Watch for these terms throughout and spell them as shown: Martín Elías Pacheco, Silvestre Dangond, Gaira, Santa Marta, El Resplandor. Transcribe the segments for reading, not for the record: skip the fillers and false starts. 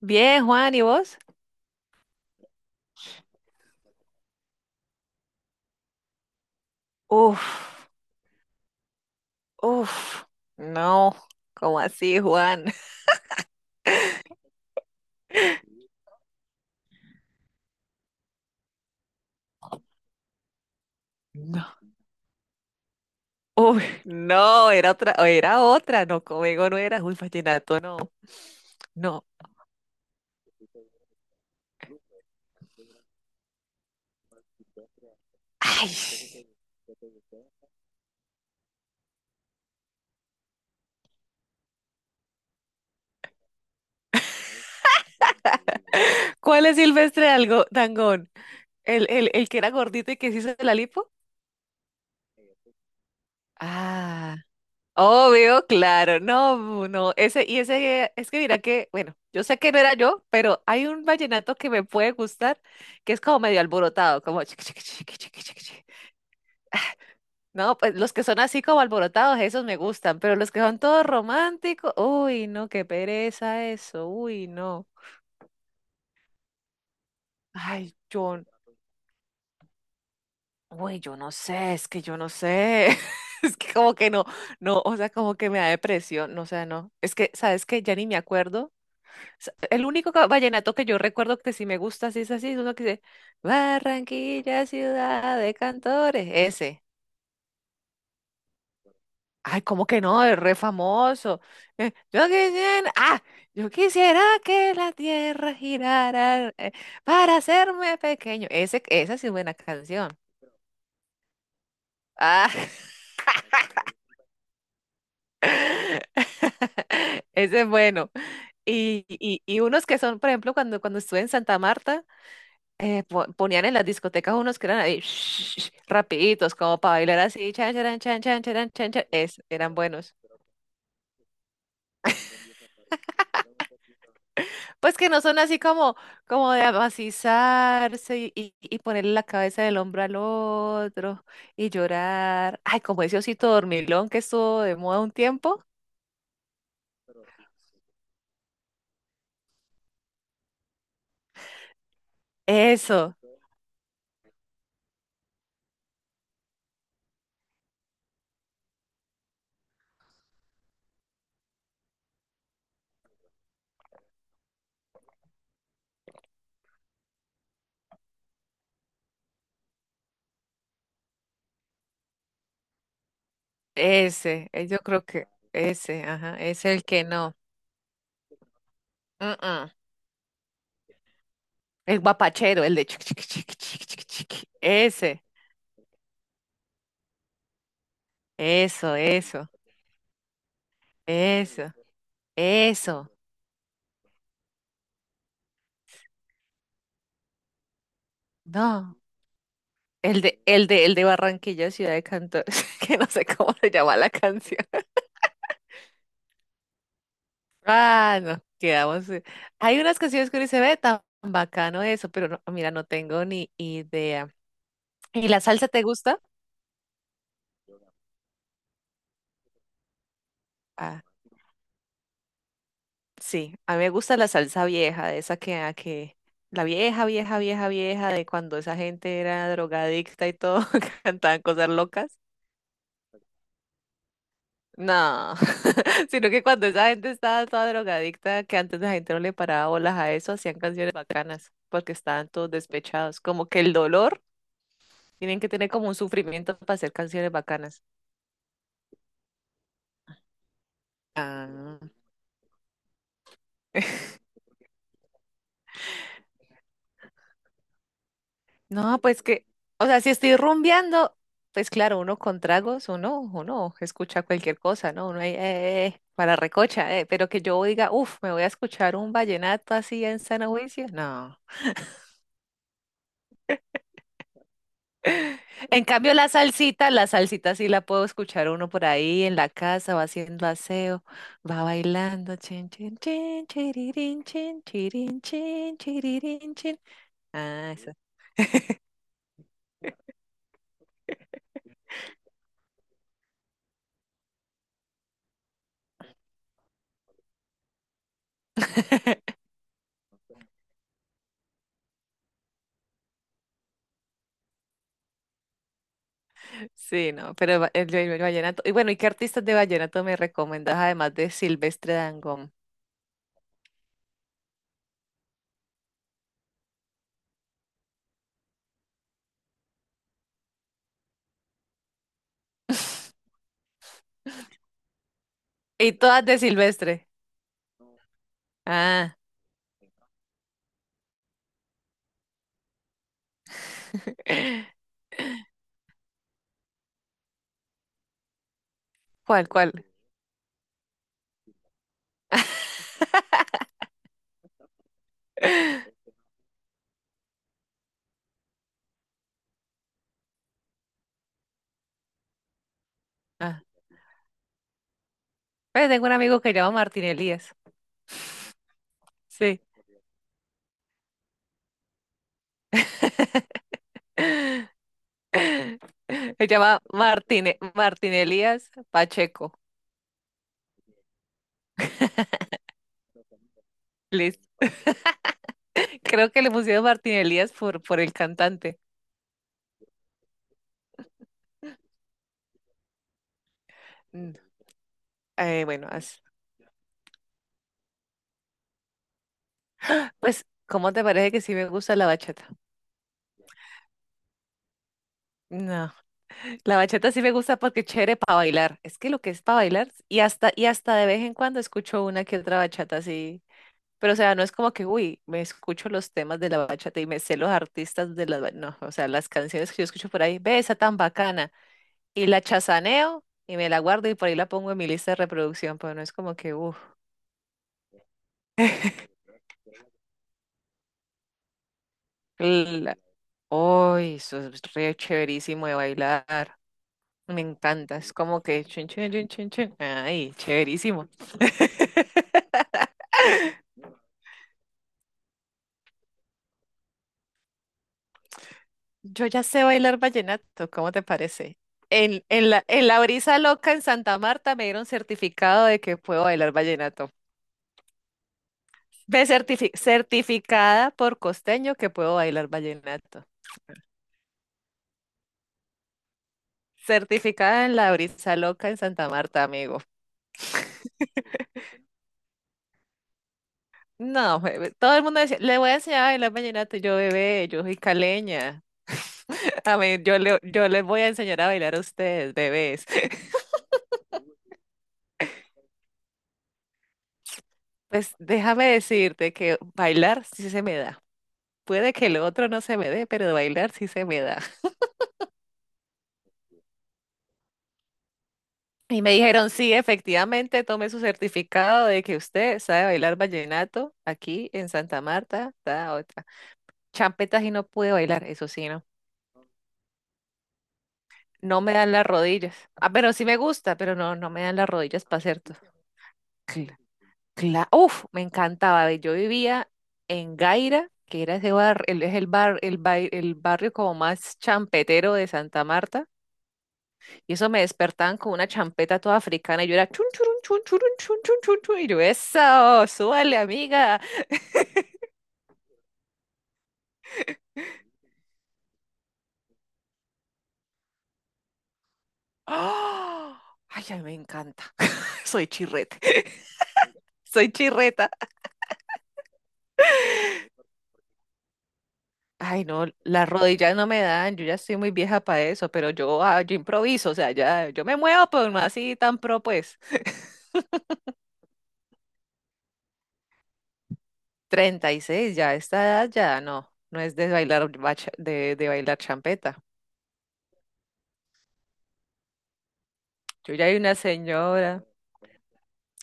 Bien, Juan, ¿y vos? Uf, uf, no, ¿cómo así, Juan? No, uy, no, era otra, no, conmigo no era, uy, vallenato, no, no. Ay, ¿cuál es Silvestre algo, Dangond? ¿El que era gordito y que se hizo la lipo? Ah, obvio, claro, no, no, ese, y ese, es que mira que, bueno, yo sé que no era yo, pero hay un vallenato que me puede gustar, que es como medio alborotado, como chiqui, chiqui, chiqui, chiqui, chiqui, chiqui. No, pues los que son así como alborotados, esos me gustan, pero los que son todos románticos, uy, no, qué pereza eso, uy, no. Ay, yo, uy, yo no sé, es que yo no sé. Es que como que no, no, o sea, como que me da depresión, no, o sea, no. Es que, ¿sabes qué? Ya ni me acuerdo. El único vallenato que yo recuerdo que sí me gusta, sí es así, es uno que dice, Barranquilla, ciudad de cantores, ese. Ay, ¿cómo que no? Es re famoso. Yo quisiera, ah, yo quisiera que la tierra girara para hacerme pequeño. Ese, esa sí es buena canción. Ah, ese es bueno. Y unos que son, por ejemplo, cuando estuve en Santa Marta, ponían en las discotecas unos que eran ahí, rapiditos, como para bailar así, chan, charan, chan, chan, charan, chan, chan. Eran buenos. Pues que no son así como, como de amacizarse y ponerle la cabeza del hombro al otro y llorar. Ay, como ese osito dormilón que estuvo de moda un tiempo. Eso, ese, yo creo que ese, ajá, es el que no. Mm, mm. El guapachero, el de chiqui, chiqui, chiqui, chiqui, chiqui, chiqui. Ese, eso, eso, eso, eso. No, el de Barranquilla, Ciudad de Cantores, que no sé cómo se llama la canción. Ah, no, quedamos. Hay unas canciones que uno dice, ve, tan bacano eso, pero no, mira, no tengo ni idea. ¿Y la salsa te gusta? Ah, sí, a mí me gusta la salsa vieja, de esa que, a que, la vieja, vieja, vieja, vieja, de cuando esa gente era drogadicta y todo, cantaban cosas locas. No, sino que cuando esa gente estaba toda drogadicta, que antes la gente no le paraba bolas a eso, hacían canciones bacanas, porque estaban todos despechados, como que el dolor. Tienen que tener como un sufrimiento para hacer canciones bacanas. Ah. No, pues que, o sea, si estoy rumbeando, pues claro, uno con tragos, uno escucha cualquier cosa, ¿no? Uno ahí, para recocha, pero que yo diga, uff, me voy a escuchar un vallenato así en San Juicio, no. En cambio, la salsita sí la puedo escuchar uno por ahí en la casa, va haciendo aseo, va bailando, chin, chin, chin, chiririn, chin, chirin, chin, chiririn, chin. Ah, sí, no, el vallenato. Y bueno, ¿y qué artistas de vallenato me recomendas además de Silvestre Dangond? Y todas de Silvestre. Ah. ¿Cuál, cuál? Ah. Pues tengo un amigo que llama Martín Elías. Sí. Se llama Martín, Martín Elías Pacheco. Listo. Creo que le pusieron Martín Elías por el cantante. Mm, bueno, pues, ¿cómo te parece que sí me gusta la bachata? No, la bachata sí me gusta porque es chévere para bailar. Es que lo que es para bailar, y hasta de vez en cuando escucho una que otra bachata así. Pero o sea, no es como que, uy, me escucho los temas de la bachata y me sé los artistas de la... No, o sea, las canciones que yo escucho por ahí, ve esa tan bacana. Y la chazaneo y me la guardo y por ahí la pongo en mi lista de reproducción, pero no es como que, uff, uy, eso es re chéverísimo de bailar. Me encanta, es como que chun chun chun chun chun. Ay, chéverísimo. Yo ya sé bailar vallenato, ¿cómo te parece? En la brisa loca en Santa Marta me dieron certificado de que puedo bailar vallenato. Ve certificada por costeño que puedo bailar vallenato. Certificada en la brisa loca en Santa Marta, amigo. No, bebé, todo el mundo decía, le voy a enseñar a bailar vallenato, y yo bebé, yo soy caleña. A mí, yo les voy a enseñar a bailar a ustedes, bebés. Pues déjame decirte que bailar sí se me da. Puede que el otro no se me dé, pero bailar sí se me da. Y me dijeron, sí, efectivamente, tome su certificado de que usted sabe bailar vallenato aquí en Santa Marta, da otra. Champetas y no pude bailar, eso sí, no. No me dan las rodillas. Ah, pero sí me gusta, pero no, no me dan las rodillas para hacer todo. Cla- Uf, me encantaba. Ve, yo vivía en Gaira, que era ese bar, es el bar, el barrio como más champetero de Santa Marta. Y eso me despertaban con una champeta toda africana y yo era chun churun chun churun chun chun chun chun y yo eso, súbale amiga. ¡Ah! Ay, a mí me encanta. Soy chirrete. Soy chirreta. Ay, no, las rodillas no me dan, yo ya estoy muy vieja para eso, pero yo, ah, yo improviso, o sea, ya, yo me muevo, pero no así tan pro, pues. 36 ya, esta edad ya no, no es de de bailar champeta. Yo ya hay una señora.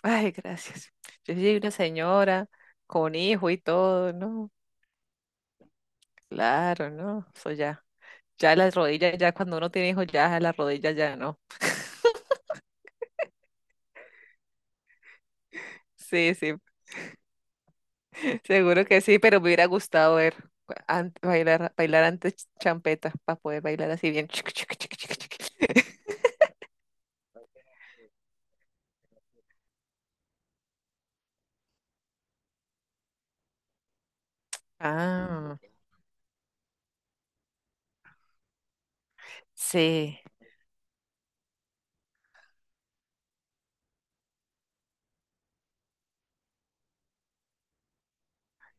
Ay, gracias. Yo soy una señora con hijo y todo, ¿no? Claro, ¿no? Eso ya. Ya las rodillas, ya cuando uno tiene hijos, ya las rodillas ya no. Sí, sí, seguro que sí, pero me hubiera gustado ver bailar antes champeta para poder bailar así bien. Chiqui, chiqui, chiqui, chiqui, chiqui. Ah, sí,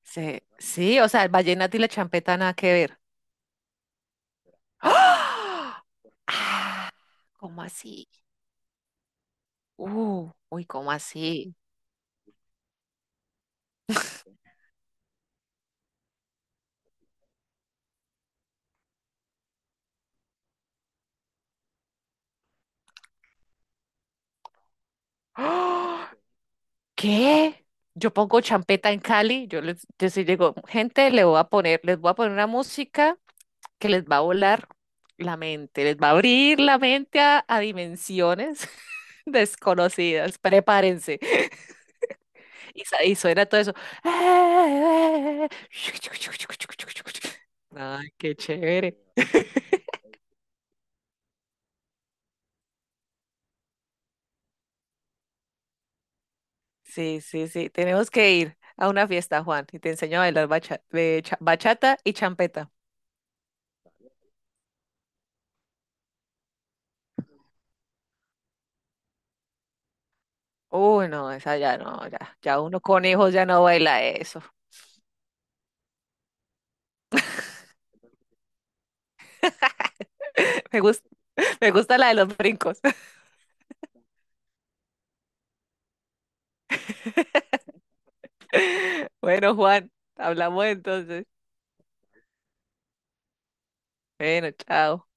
sí, sí, o sea, el vallenato y la champeta nada que ver. ¡Ah! Ah, ¿cómo así? Uy, ¿cómo así? ¿Qué? Yo pongo champeta en Cali, yo les, yo sí digo, gente, le voy a poner, les voy a poner una música que les va a volar la mente, les va a abrir la mente a dimensiones desconocidas, prepárense. Y suena todo eso. Ay, qué chévere. Sí, sí, sí, tenemos que ir a una fiesta, Juan, y te enseño a bailar bachata y champeta. Uy, no, esa ya no, ya, ya uno con hijos ya no baila eso. Me gusta, me gusta la de los brincos. Bueno, Juan, hablamos entonces. Bueno, chao.